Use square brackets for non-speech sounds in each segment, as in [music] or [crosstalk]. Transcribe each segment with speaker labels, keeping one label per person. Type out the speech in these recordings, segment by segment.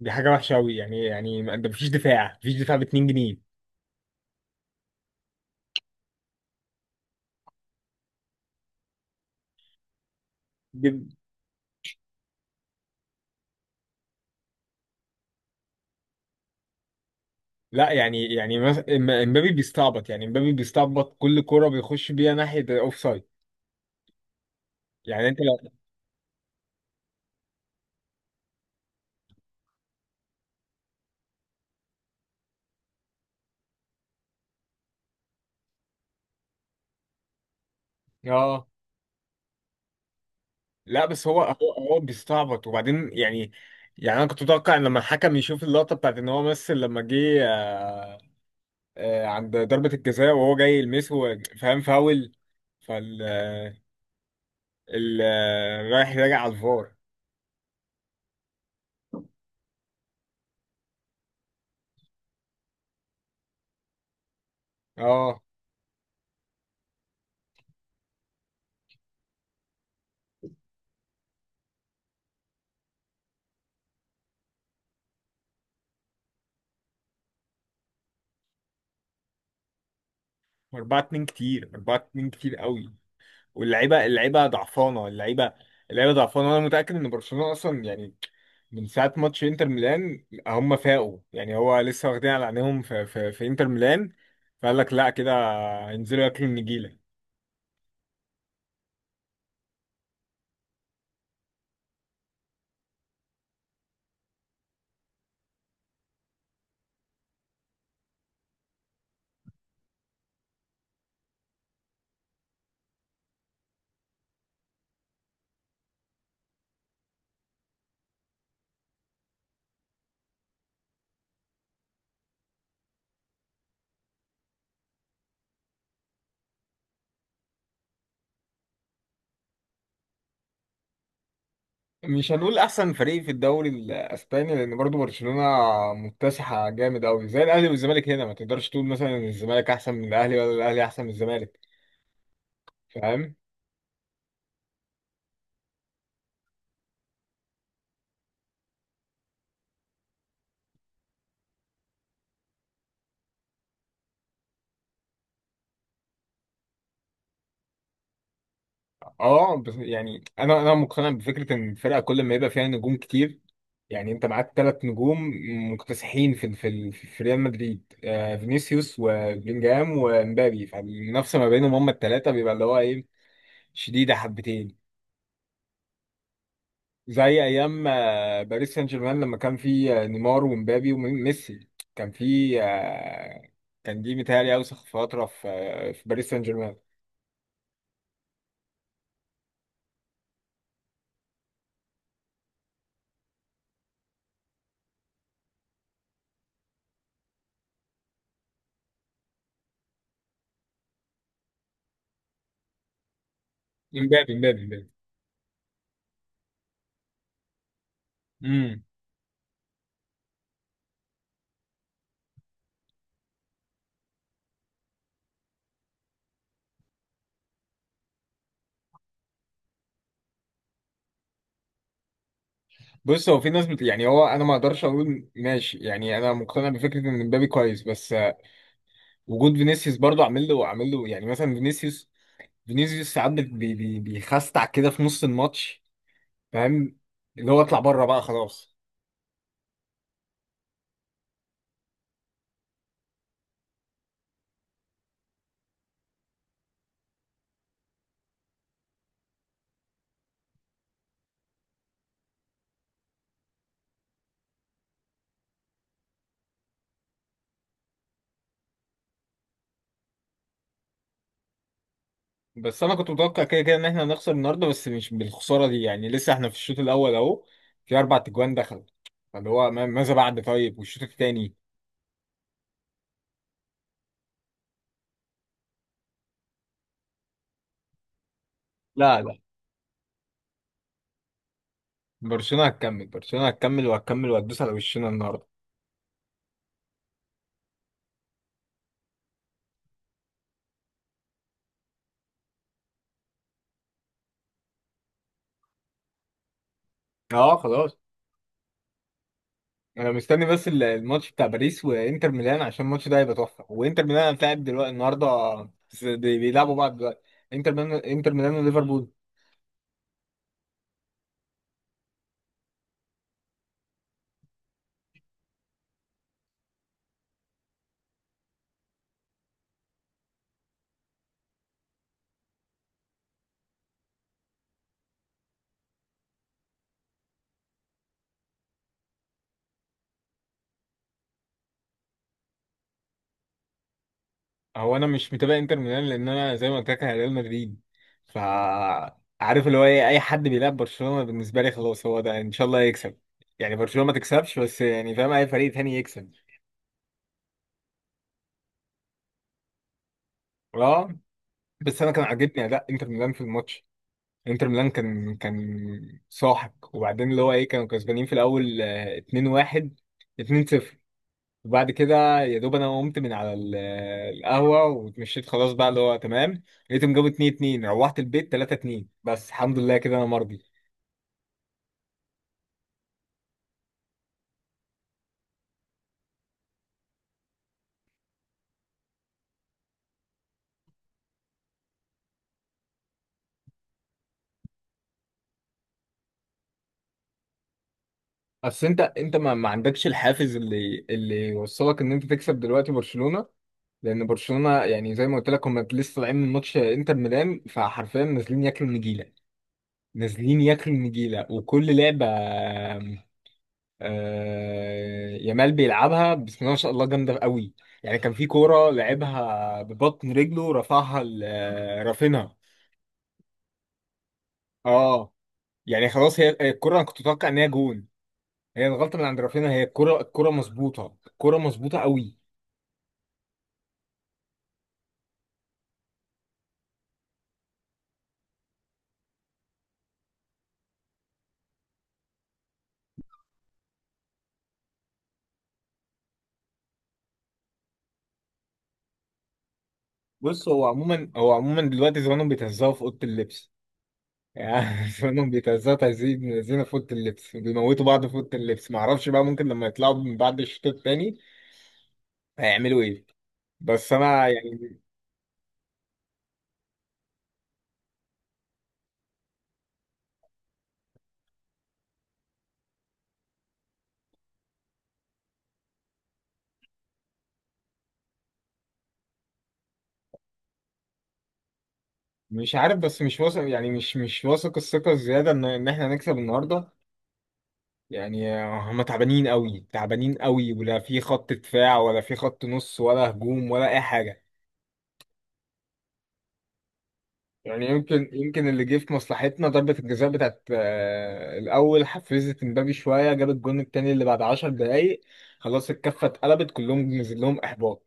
Speaker 1: دي حاجة وحشة أوي، يعني إيه؟ يعني ده مفيش دفاع، مفيش دفاع ب 2 جنيه. دي- لا، يعني امبابي بيستعبط. يعني امبابي بيستعبط كل كرة بيخش بيها ناحية الأوف سايد. يعني أنت لو... اه. لا، بس هو بيستعبط، وبعدين يعني... يعني انا كنت متوقع ان لما الحكم يشوف اللقطه بتاعت ان هو مثل لما جه عند ضربه الجزاء وهو جاي يلمسه، فاهم، فاول. فال ال- آه، رايح راجع على الفار. اه. 4 2 كتير، 4 2 كتير قوي. واللعيبه اللعيبه ضعفانه، اللعيبه ضعفانه، وانا متاكد ان برشلونه اصلا يعني... من ساعه ماتش انتر ميلان هم فاقوا، يعني هو لسه واخدين على عينيهم في انتر ميلان. فقال لك لا، كده هينزلوا ياكلوا النجيله. مش هنقول احسن فريق في الدوري الاسباني، لان برضو برشلونه مكتسحه جامد قوي. زي الاهلي والزمالك هنا، ما تقدرش تقول مثلا ان الزمالك احسن من الاهلي ولا الاهلي احسن من الزمالك، فاهم؟ اه، بس يعني انا مقتنع بفكره ان الفرقه كل ما يبقى فيها نجوم كتير. يعني انت معاك ثلاث نجوم مكتسحين في ريال مدريد، فينيسيوس وبلينجهام ومبابي. فالمنافسه ما بينهم هم الثلاثه بيبقى اللي هو ايه، شديده حبتين. زي ايام باريس سان جيرمان، لما كان في نيمار ومبابي وميسي. كان في آه، كان دي متهيألي اوسخ فتره في باريس سان جيرمان. مبابي، مبابي، مبابي. بص، هو في ناس يعني انا ما اقدرش اقول ماشي. يعني انا مقتنع بفكره ان مبابي كويس، بس وجود فينيسيوس برضو عامل له. يعني مثلا فينيسيوس، فينيسيوس ساعات بيخستع كده في نص الماتش، فاهم؟ اللي هو اطلع بره بقى خلاص. بس انا كنت متوقع كده كده ان احنا هنخسر النهارده، بس مش بالخساره دي. يعني لسه احنا في الشوط الاول اهو، في اربع تجوان دخل، فاللي هو ماذا بعد؟ طيب، والشوط الثاني؟ لا لا. برشلونه هتكمل. برشلونه هتكمل وهتكمل وهتدوس على وشنا النهارده. اه، خلاص. انا مستني بس الماتش بتاع باريس وانتر ميلان، عشان الماتش ده هيبقى تحفه. وانتر ميلان هتلاعب دلوقتي النهارده، بس بيلعبوا بعض دلوقتي. انتر ميلان، انتر ميلان وليفربول. هو انا مش متابع انتر ميلان، لان انا زي ما قلت لك انا ريال مدريد. ف عارف اللي هو ايه، اي حد بيلعب برشلونه بالنسبه لي خلاص هو ده، ان شاء الله يكسب. يعني برشلونه ما تكسبش، بس يعني فاهم اي فريق تاني يكسب. اه، بس انا كان عاجبني اداء انتر ميلان في الماتش. انتر ميلان كان ساحق، وبعدين اللي هو ايه كانوا كسبانين في الاول 2-1، 2-0. وبعد كده يا دوب انا قمت من على القهوه واتمشيت خلاص بقى اللي هو تمام. لقيتهم جابوا 2-2، روحت البيت 3-2. بس الحمد لله كده انا مرضي. بس انت ما عندكش الحافز اللي يوصلك ان انت تكسب دلوقتي برشلونه. لان برشلونه يعني زي ما قلت لك هم لسه طالعين من ماتش انتر ميلان، فحرفيا نازلين ياكلوا النجيله. نازلين ياكلوا النجيله. وكل لعبه يامال بيلعبها بسم الله ما شاء الله، جامده قوي. يعني كان في كوره لعبها ببطن رجله، رفعها رافينها. اه، يعني خلاص. هي الكوره، انا كنت اتوقع ان هي جون. هي الغلطه من عند رافينها. هي الكوره، الكوره مظبوطه، الكوره مظبوطه قوي. بص، هو عموما دلوقتي زمانهم بيتهزقوا في اوضه اللبس. يعني [laughs] زمانهم بيتهزقوا تهزيق من الذين في اوضه اللبس. بيموتوا بعض في اوضه اللبس. معرفش بقى، ممكن لما يطلعوا من بعد الشوط الثاني هيعملوا ايه. بس انا يعني مش عارف، بس مش واثق. يعني مش واثق الثقة الزيادة ان احنا هنكسب النهاردة. يعني هم تعبانين قوي، تعبانين قوي. ولا في خط دفاع ولا في خط نص ولا هجوم ولا اي حاجة. يعني يمكن اللي جه في مصلحتنا ضربة الجزاء بتاعت الأول حفزت مبابي شوية، جاب الجون التاني اللي بعد 10 دقايق. خلاص الكفة اتقلبت كلهم، نزل لهم إحباط.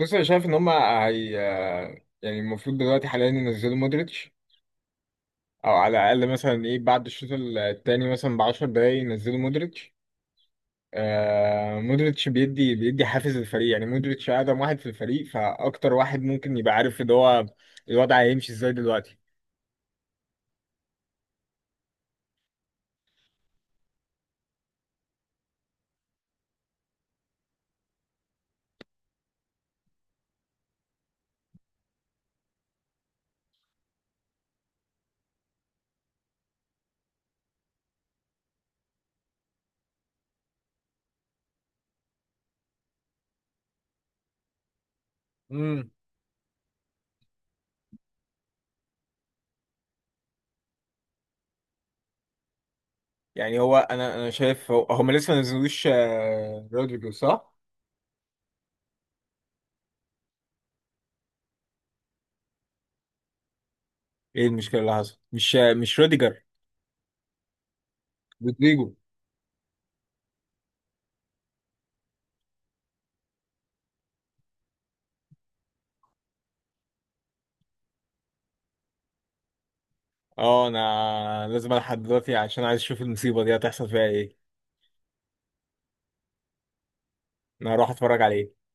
Speaker 1: بص، أنا شايف إن هم هي آه، يعني المفروض دلوقتي حاليا ينزلوا مودريتش. او على الاقل مثلا ايه، بعد الشوط التاني مثلا ب 10 دقايق ينزلوا مودريتش. مودريتش بيدي حافز للفريق. يعني مودريتش اقدم واحد في الفريق، فاكتر واحد ممكن يبقى عارف ان هو الوضع هيمشي ازاي دلوقتي. امم يعني هو انا شايف هما لسه ما نزلوش رودريجو، صح؟ ايه المشكله اللي حصلت؟ مش روديجر، رودريجو. اه، انا لازم الحق دلوقتي عشان عايز اشوف المصيبه دي هتحصل فيها ايه. انا هروح اتفرج عليه.